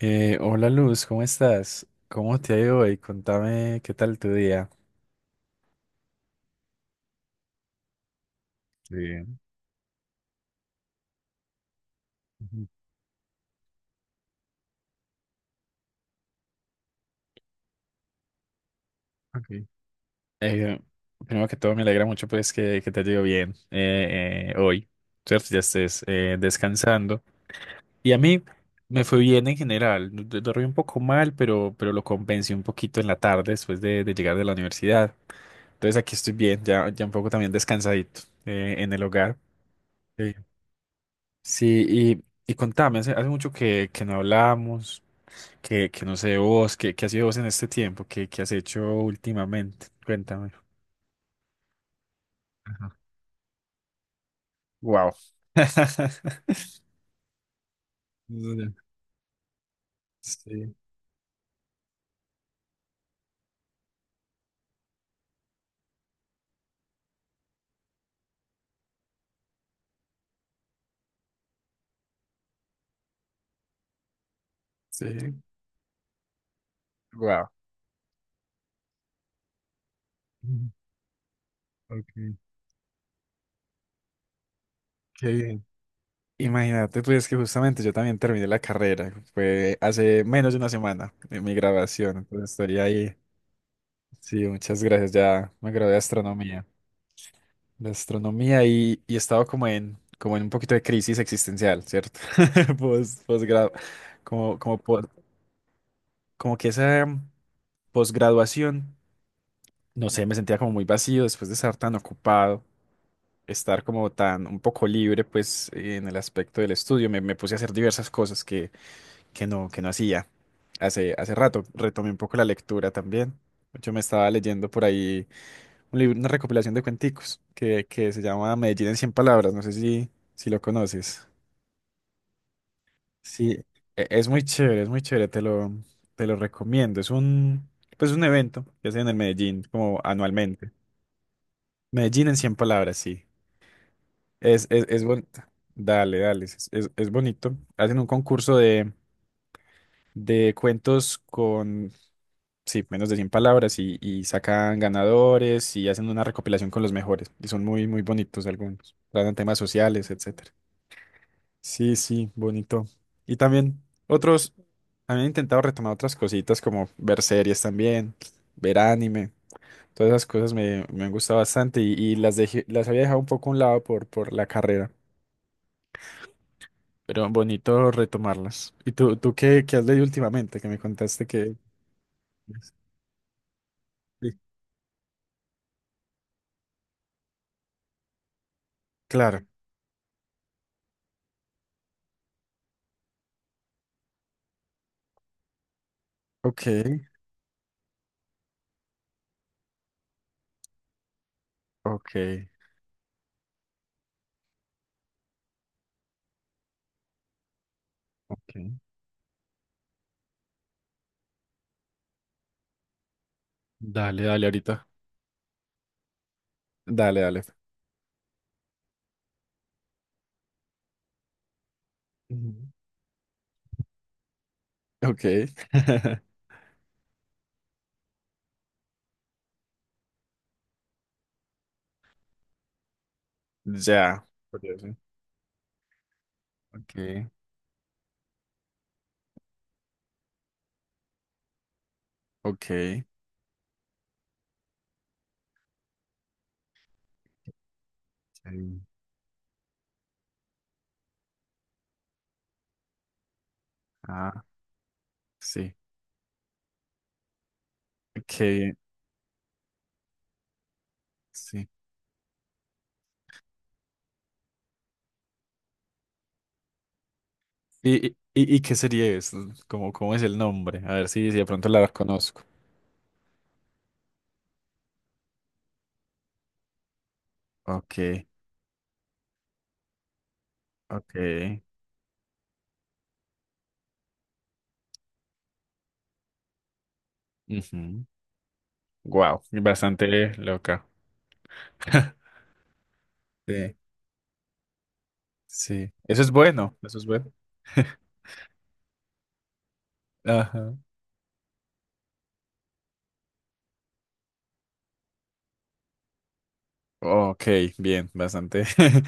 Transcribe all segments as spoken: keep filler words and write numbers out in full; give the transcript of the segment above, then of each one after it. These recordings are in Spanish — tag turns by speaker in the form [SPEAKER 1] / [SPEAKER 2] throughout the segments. [SPEAKER 1] Eh, hola Luz, ¿cómo estás? ¿Cómo te ha ido hoy? Contame qué tal tu día. Bien. Ujú, ok. Eh, Primero que todo, me alegra mucho pues que, que te ha ido bien eh, eh, hoy, ¿cierto? Ya estés eh, descansando. Y a mí me fue bien en general. Du- Dormí un poco mal, pero, pero lo compensé un poquito en la tarde después de, de llegar de la universidad. Entonces aquí estoy bien, ya, ya un poco también descansadito eh, en el hogar. Sí. Sí, y, y contame, hace, hace mucho que, que no hablamos. Que, que no sé vos, ¿qué, qué has sido vos en este tiempo? ¿Qué, qué has hecho últimamente? Cuéntame. Wow. Sí, sí. Wow. Okay, qué bien. Imagínate, pues que justamente yo también terminé la carrera. Fue hace menos de una semana de mi graduación. Entonces estoy ahí. Sí, muchas gracias. Ya me gradué de astronomía. De astronomía y, y he estado como en, como en un poquito de crisis existencial, ¿cierto? Post, posgrado. Como, como po- Como que esa posgraduación, no sé, me sentía como muy vacío después de estar tan ocupado, estar como tan un poco libre, pues en el aspecto del estudio, me, me puse a hacer diversas cosas que, que no, que no hacía hace, hace rato. Retomé un poco la lectura también. Yo me estaba leyendo por ahí un libro, una recopilación de cuenticos que, que se llama Medellín en cien palabras, no sé si, si lo conoces. Sí, e- es muy chévere, es muy chévere, te lo, te lo recomiendo. Es un, pues un evento que hacen en el Medellín, como anualmente. Medellín en cien palabras, sí. Es, es, es bonito. Dale, dale, es, es- es bonito. Hacen un concurso de, de cuentos con, sí, menos de cien palabras y, y sacan ganadores y hacen una recopilación con los mejores. Y son muy, muy bonitos algunos. Tratan temas sociales, etcétera. Sí, sí, bonito. Y también otros, han intentado retomar otras cositas como ver series también, ver anime, todas esas cosas me, me han gustado bastante y, y las dejé, las había dejado un poco a un lado por, por la carrera, pero bonito retomarlas. ¿Y tú, tú qué, qué has leído últimamente? Que me contaste que... Sí. Claro, ok, ok, ok. Dale, dale ahorita. Dale, dale. Ujú. Ok. Ya. Curioso. Ok, ok. Sí. Ah, sí. Que sí. ¿Y, y, y y qué serie es? ¿Cómo, cómo es el nombre? A ver si, si de pronto la conozco. Ok, ok. Wow, bastante loca. Sí. Sí. Eso es bueno, eso es bueno. Ajá. Ok, bien, bastante.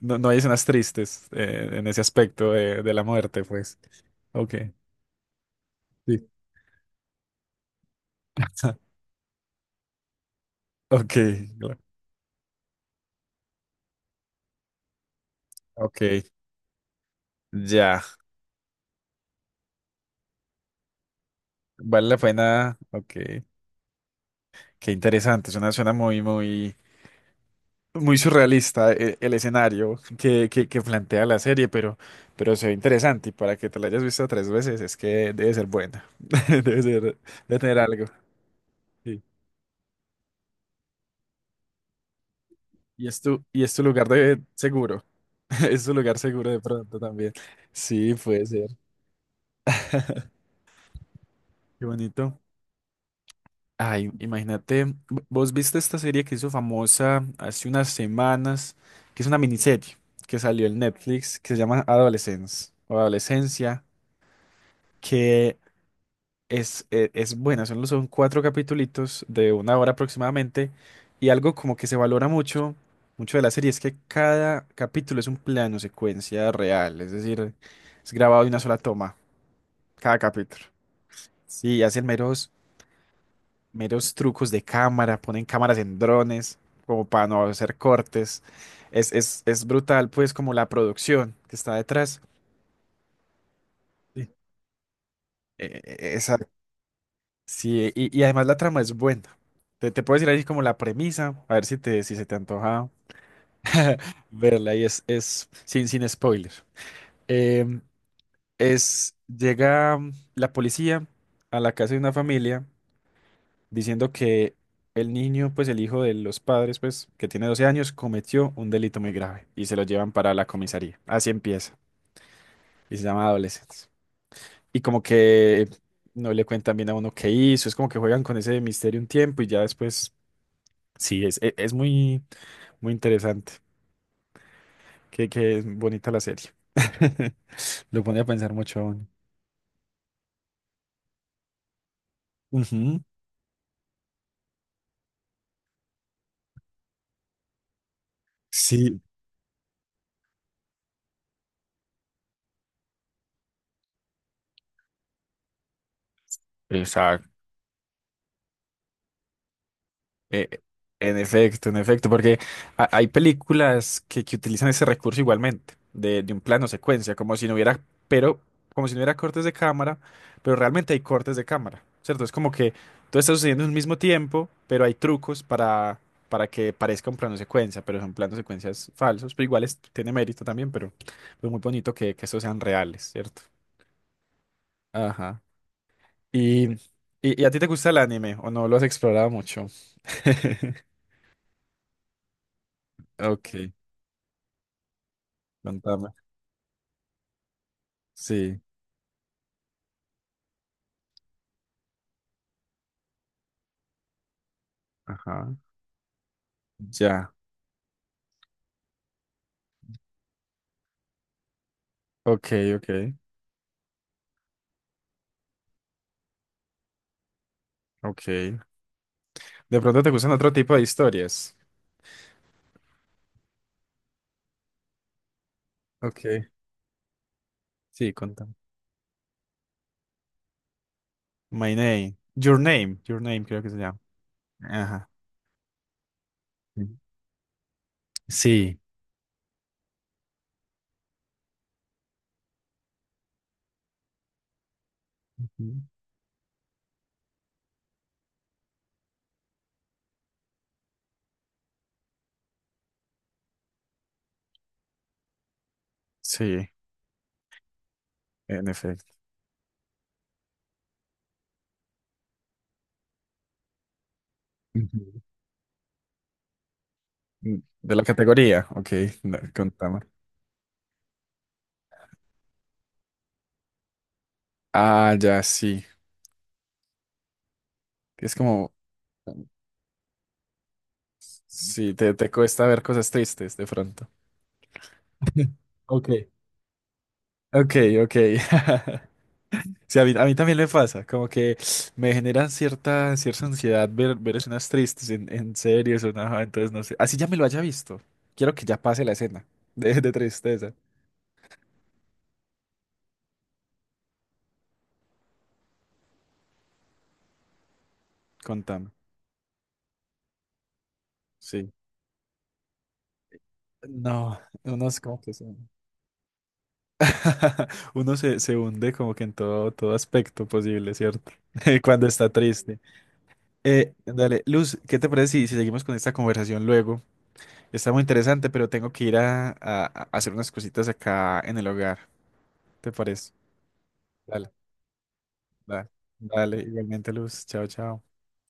[SPEAKER 1] No, no hay escenas tristes eh, en ese aspecto de, de la muerte, pues. Ok, sí. Ok, claro. Ok, ya. Vale la pena. Ok. Qué interesante, suena, suena muy, muy, muy surrealista eh, el, escenario que, que, que plantea la serie, pero, pero se ve interesante y para que te la hayas visto tres veces es que debe ser buena, debe ser, debe tener algo. Sí. Y es tu, y es tu lugar de seguro, es tu lugar seguro de pronto también. Sí, puede ser. Qué bonito. Ay, imagínate, vos viste esta serie que hizo famosa hace unas semanas, que es una miniserie que salió en Netflix, que se llama Adolescence o Adolescencia, que es, e- es buena, son, son cuatro capitulitos de una hora aproximadamente, y algo como que se valora mucho, mucho de la serie es que cada capítulo es un plano secuencia real, es decir, es grabado de una sola toma, cada capítulo. Sí, hacen meros meros trucos de cámara, ponen cámaras en drones, como para no hacer cortes. Es, es, es brutal, pues, como la producción que está detrás. Sí. Eh, eh, esa, sí, y, y además la trama es buena. Te, te puedo decir ahí como la premisa, a ver si te, si se te antoja verla y es, es sin, sin spoiler. Em, es, llega mm, la policía a la casa de una familia diciendo que el niño, pues el hijo de los padres, pues que tiene doce años, cometió un delito muy grave y se lo llevan para la comisaría. Así empieza. Y se llama Adolescence. Y como que no le cuentan bien a uno qué hizo, es como que juegan con ese misterio un tiempo y ya después, sí, es, e- es muy, muy interesante. Qué, qué bonita la serie. Lo pone a pensar mucho a uno. Ujú. Sí. Eh, en efecto, en efecto, porque ha- hay películas que, que utilizan ese recurso igualmente, de, de un plano secuencia, como si no hubiera, pero como si no hubiera cortes de cámara, pero realmente hay cortes de cámara, ¿cierto? Es como que todo está sucediendo en un mismo tiempo, pero hay trucos para, para que parezca un plano secuencia, pero son planos secuencias falsos, pero igual es- tiene mérito también, pero es muy bonito que, que estos sean reales, ¿cierto? Ajá. Y, y, ¿y a ti te gusta el anime o no lo has explorado mucho? Ok, contame. Sí, ajá, ya. Ok, ok, ok. De pronto te gustan otro tipo de historias. Ok. Sí, contame. My name. Your name. Your name, creo que se llama. Ajá. Sí, ujú, sí, en efecto. Ujú. Mm, De la categoría, ok, no, contame. Ah, ya, sí. Es como, sí, te, te cuesta ver cosas tristes de pronto. Ok, ok, ok. Sí, a mí, a mí también me pasa, como que me generan cierta, cierta ansiedad ver, ver escenas tristes en, en series o nada, entonces no sé. Así ya me lo haya visto. Quiero que ya pase la escena de, de tristeza. Contame. Sí. No, uno es como que se... Uno se, se hunde como que en todo, todo aspecto posible, ¿cierto? Cuando está triste. Eh, dale, Luz, ¿qué te parece si, si seguimos con esta conversación luego? Está muy interesante, pero tengo que ir a, a a hacer unas cositas acá en el hogar. ¿Te parece? Dale. Da- Dale, igualmente, Luz. Chao, chao.